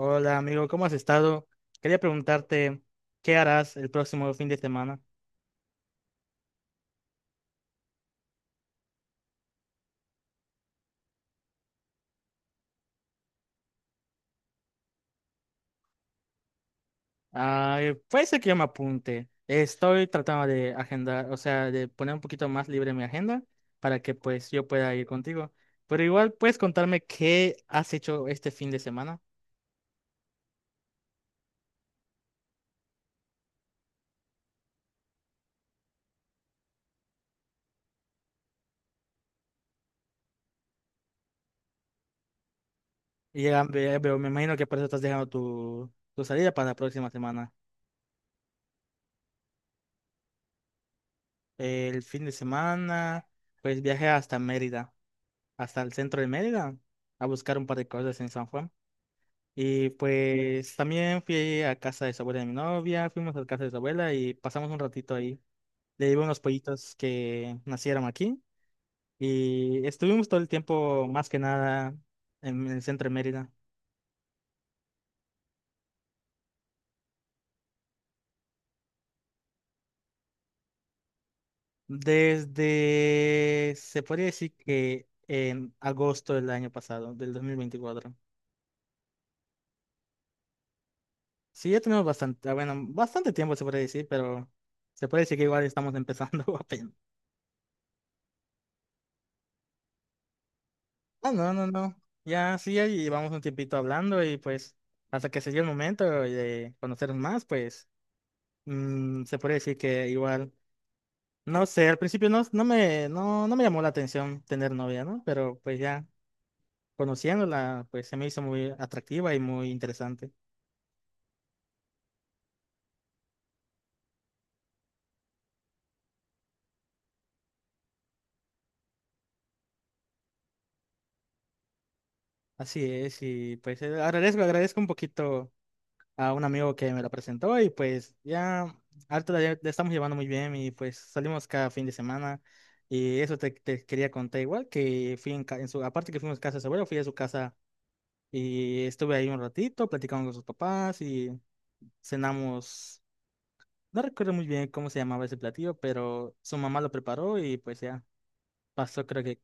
Hola amigo, ¿cómo has estado? Quería preguntarte, ¿qué harás el próximo fin de semana? Ah, puede ser que yo me apunte. Estoy tratando de agendar, o sea, de poner un poquito más libre mi agenda para que pues yo pueda ir contigo. Pero igual puedes contarme qué has hecho este fin de semana. Y ya veo, me imagino que por eso estás dejando tu salida para la próxima semana. El fin de semana, pues viajé hasta Mérida, hasta el centro de Mérida, a buscar un par de cosas en San Juan. Y pues también fui a casa de su abuela de mi novia, fuimos a casa de su abuela y pasamos un ratito ahí. Le llevé unos pollitos que nacieron aquí y estuvimos todo el tiempo, más que nada, en el centro de Mérida. Desde, se podría decir que en agosto del año pasado, del 2024. Sí, ya tenemos bastante, ah, bueno, bastante tiempo se podría decir, pero se puede decir que igual estamos empezando apenas. Ah, no, no, no. Ya sí, ahí vamos un tiempito hablando y pues hasta que se dio el momento de conocernos más, pues se puede decir que igual, no sé, al principio no, no me, no, no me llamó la atención tener novia, ¿no? Pero pues ya conociéndola, pues se me hizo muy atractiva y muy interesante. Así es, y pues agradezco un poquito a un amigo que me la presentó y pues ya harto la estamos llevando muy bien y pues salimos cada fin de semana y eso te quería contar igual que fui en su, aparte que fuimos a casa de su abuelo, fui a su casa y estuve ahí un ratito platicando con sus papás y cenamos, no recuerdo muy bien cómo se llamaba ese platillo, pero su mamá lo preparó y pues ya pasó creo que.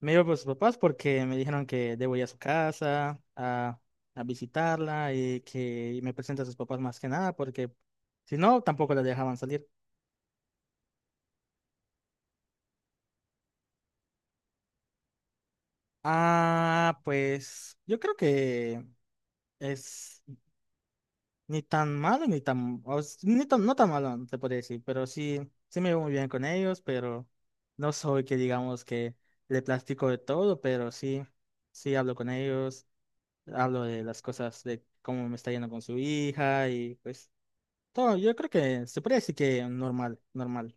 Me iba por sus papás porque me dijeron que debo ir a su casa a visitarla y que me presente a sus papás más que nada porque si no, tampoco la dejaban salir. Ah, pues yo creo que es ni tan malo ni tan, o s- ni tan, no tan malo, te podría decir, pero sí, sí me llevo muy bien con ellos, pero no soy que digamos que le platico de todo, pero sí, sí hablo con ellos, hablo de las cosas de cómo me está yendo con su hija y pues... Todo, yo creo que se puede decir que normal, normal.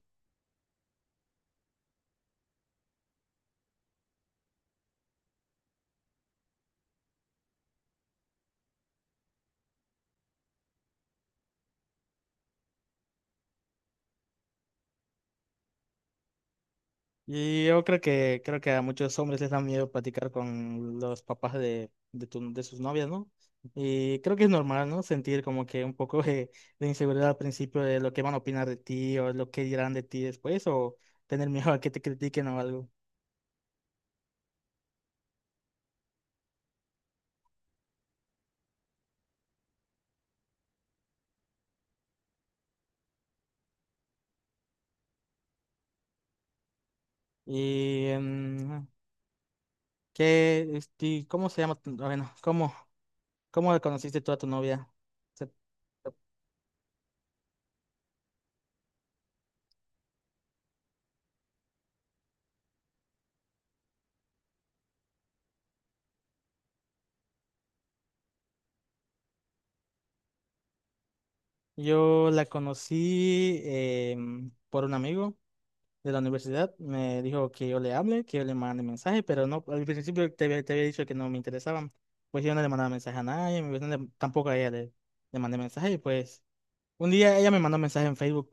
Y yo creo que a muchos hombres les da miedo platicar con los papás de sus novias, ¿no? Y creo que es normal, ¿no? Sentir como que un poco de inseguridad al principio de lo que van a opinar de ti o lo que dirán de ti después o tener miedo a que te critiquen o algo. Y ¿qué, este, cómo se llama? Ah, bueno, ¿cómo conociste tú a tu novia? Se- Yo la conocí por un amigo de la universidad, me dijo que yo le hable, que yo le mande mensaje, pero no, al principio, te había dicho que no me interesaban. Pues yo no le mandaba mensaje a nadie, pues, tampoco a ella le mandé mensaje. Y pues un día ella me mandó mensaje en Facebook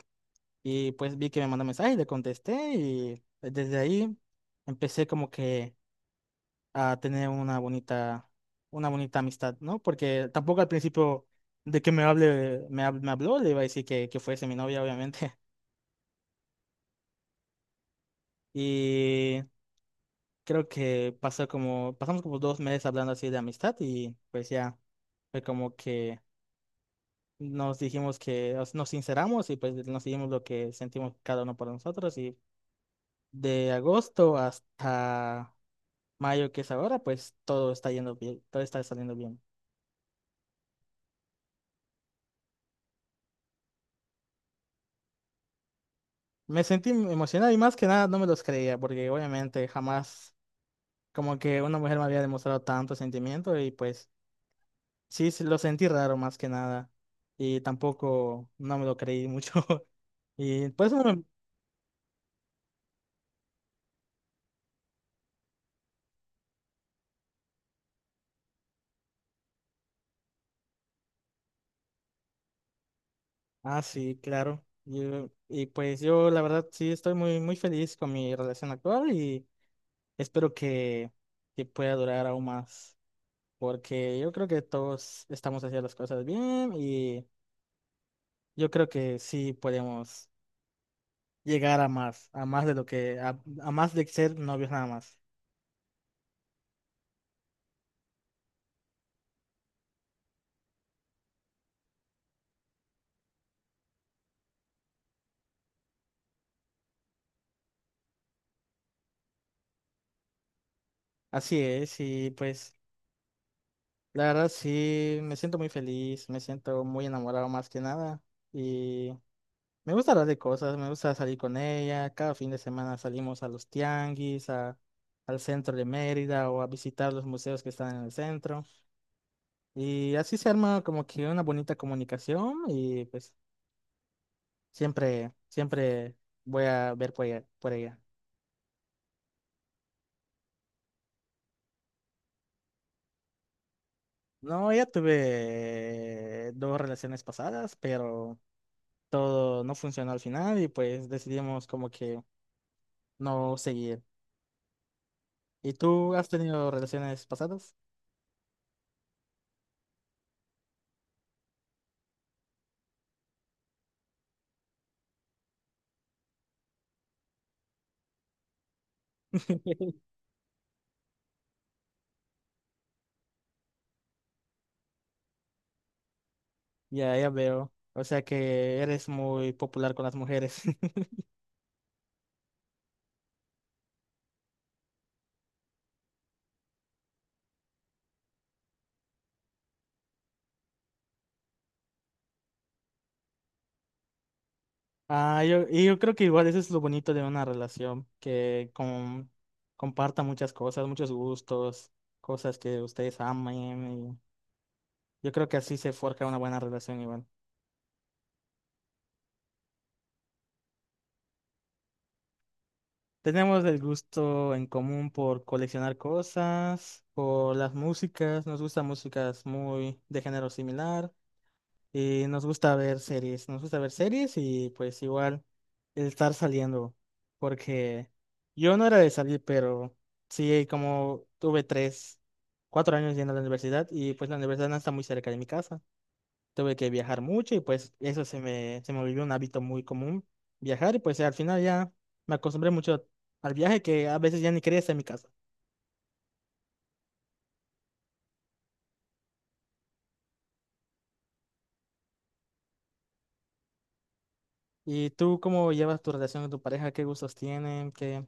y pues vi que me mandó mensaje y le contesté y desde ahí empecé como que a tener una bonita amistad, ¿no? Porque tampoco al principio de que me hable, me habló, le iba a decir que fuese mi novia, obviamente. Y creo que pasamos como 2 meses hablando así de amistad y pues ya fue como que nos dijimos que nos sinceramos y pues nos dijimos lo que sentimos cada uno por nosotros y de agosto hasta mayo que es ahora, pues todo está yendo bien, todo está saliendo bien. Me sentí emocionado y más que nada no me los creía porque obviamente jamás como que una mujer me había demostrado tanto sentimiento y pues sí, sí, lo sentí raro más que nada y tampoco no me lo creí mucho. Y pues, bueno, ah, sí, claro. Y pues yo la verdad sí estoy muy, muy feliz con mi relación actual y espero que pueda durar aún más, porque yo creo que todos estamos haciendo las cosas bien y yo creo que sí podemos llegar a más de lo que, a más de ser novios nada más. Así es, y pues la verdad sí me siento muy feliz, me siento muy enamorado más que nada. Me gusta hablar de cosas, me gusta salir con ella. Cada fin de semana salimos a los tianguis, al centro de Mérida o a visitar los museos que están en el centro. Y así se arma como que una bonita comunicación y pues siempre, siempre voy a ver por ella, por ella. No, ya tuve dos relaciones pasadas, pero todo no funcionó al final y pues decidimos como que no seguir. ¿Y tú has tenido relaciones pasadas? Ya, ya veo. O sea que eres muy popular con las mujeres. Ah, y yo creo que igual eso es lo bonito de una relación, que comparta muchas cosas, muchos gustos, cosas que ustedes amen. Y yo creo que así se forja una buena relación igual. Tenemos el gusto en común por coleccionar cosas, por las músicas, nos gustan músicas muy de género similar. Y nos gusta ver series, nos gusta ver series y pues igual el estar saliendo, porque yo no era de salir, pero sí, como tuve tres, cuatro años yendo a la universidad y pues la universidad no está muy cerca de mi casa, tuve que viajar mucho y pues eso se me volvió un hábito muy común, viajar y pues al final ya me acostumbré mucho al viaje que a veces ya ni quería estar en mi casa. ¿Y tú cómo llevas tu relación con tu pareja? ¿Qué gustos tienen? ¿Qué?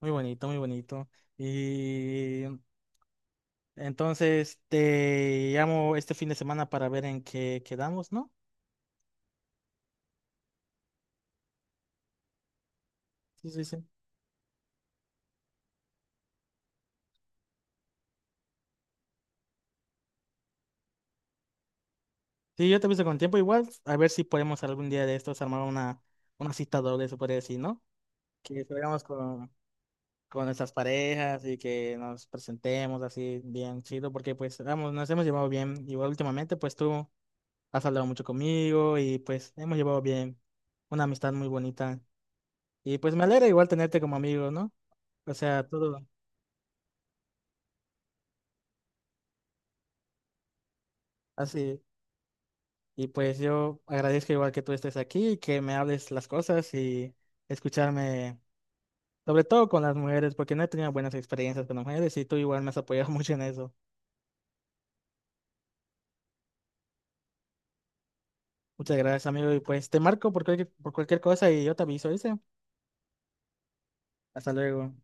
Muy bonito, muy bonito. Y entonces, te llamo este fin de semana para ver en qué quedamos, ¿no? Sí, sí, sí. Sí, yo te aviso con tiempo igual, a ver si podemos algún día de estos armar una cita doble, se podría decir, ¿no? Que salgamos con nuestras parejas y que nos presentemos así bien chido, porque pues, vamos, nos hemos llevado bien. Igual últimamente, pues tú has hablado mucho conmigo y pues hemos llevado bien una amistad muy bonita. Y pues me alegra igual tenerte como amigo, ¿no? O sea, todo así. Y pues yo agradezco igual que tú estés aquí, y que me hables las cosas y escucharme, sobre todo con las mujeres, porque no he tenido buenas experiencias con las mujeres y tú igual me has apoyado mucho en eso. Muchas gracias, amigo. Y pues te marco por cualquier cosa y yo te aviso, dice. Hasta luego.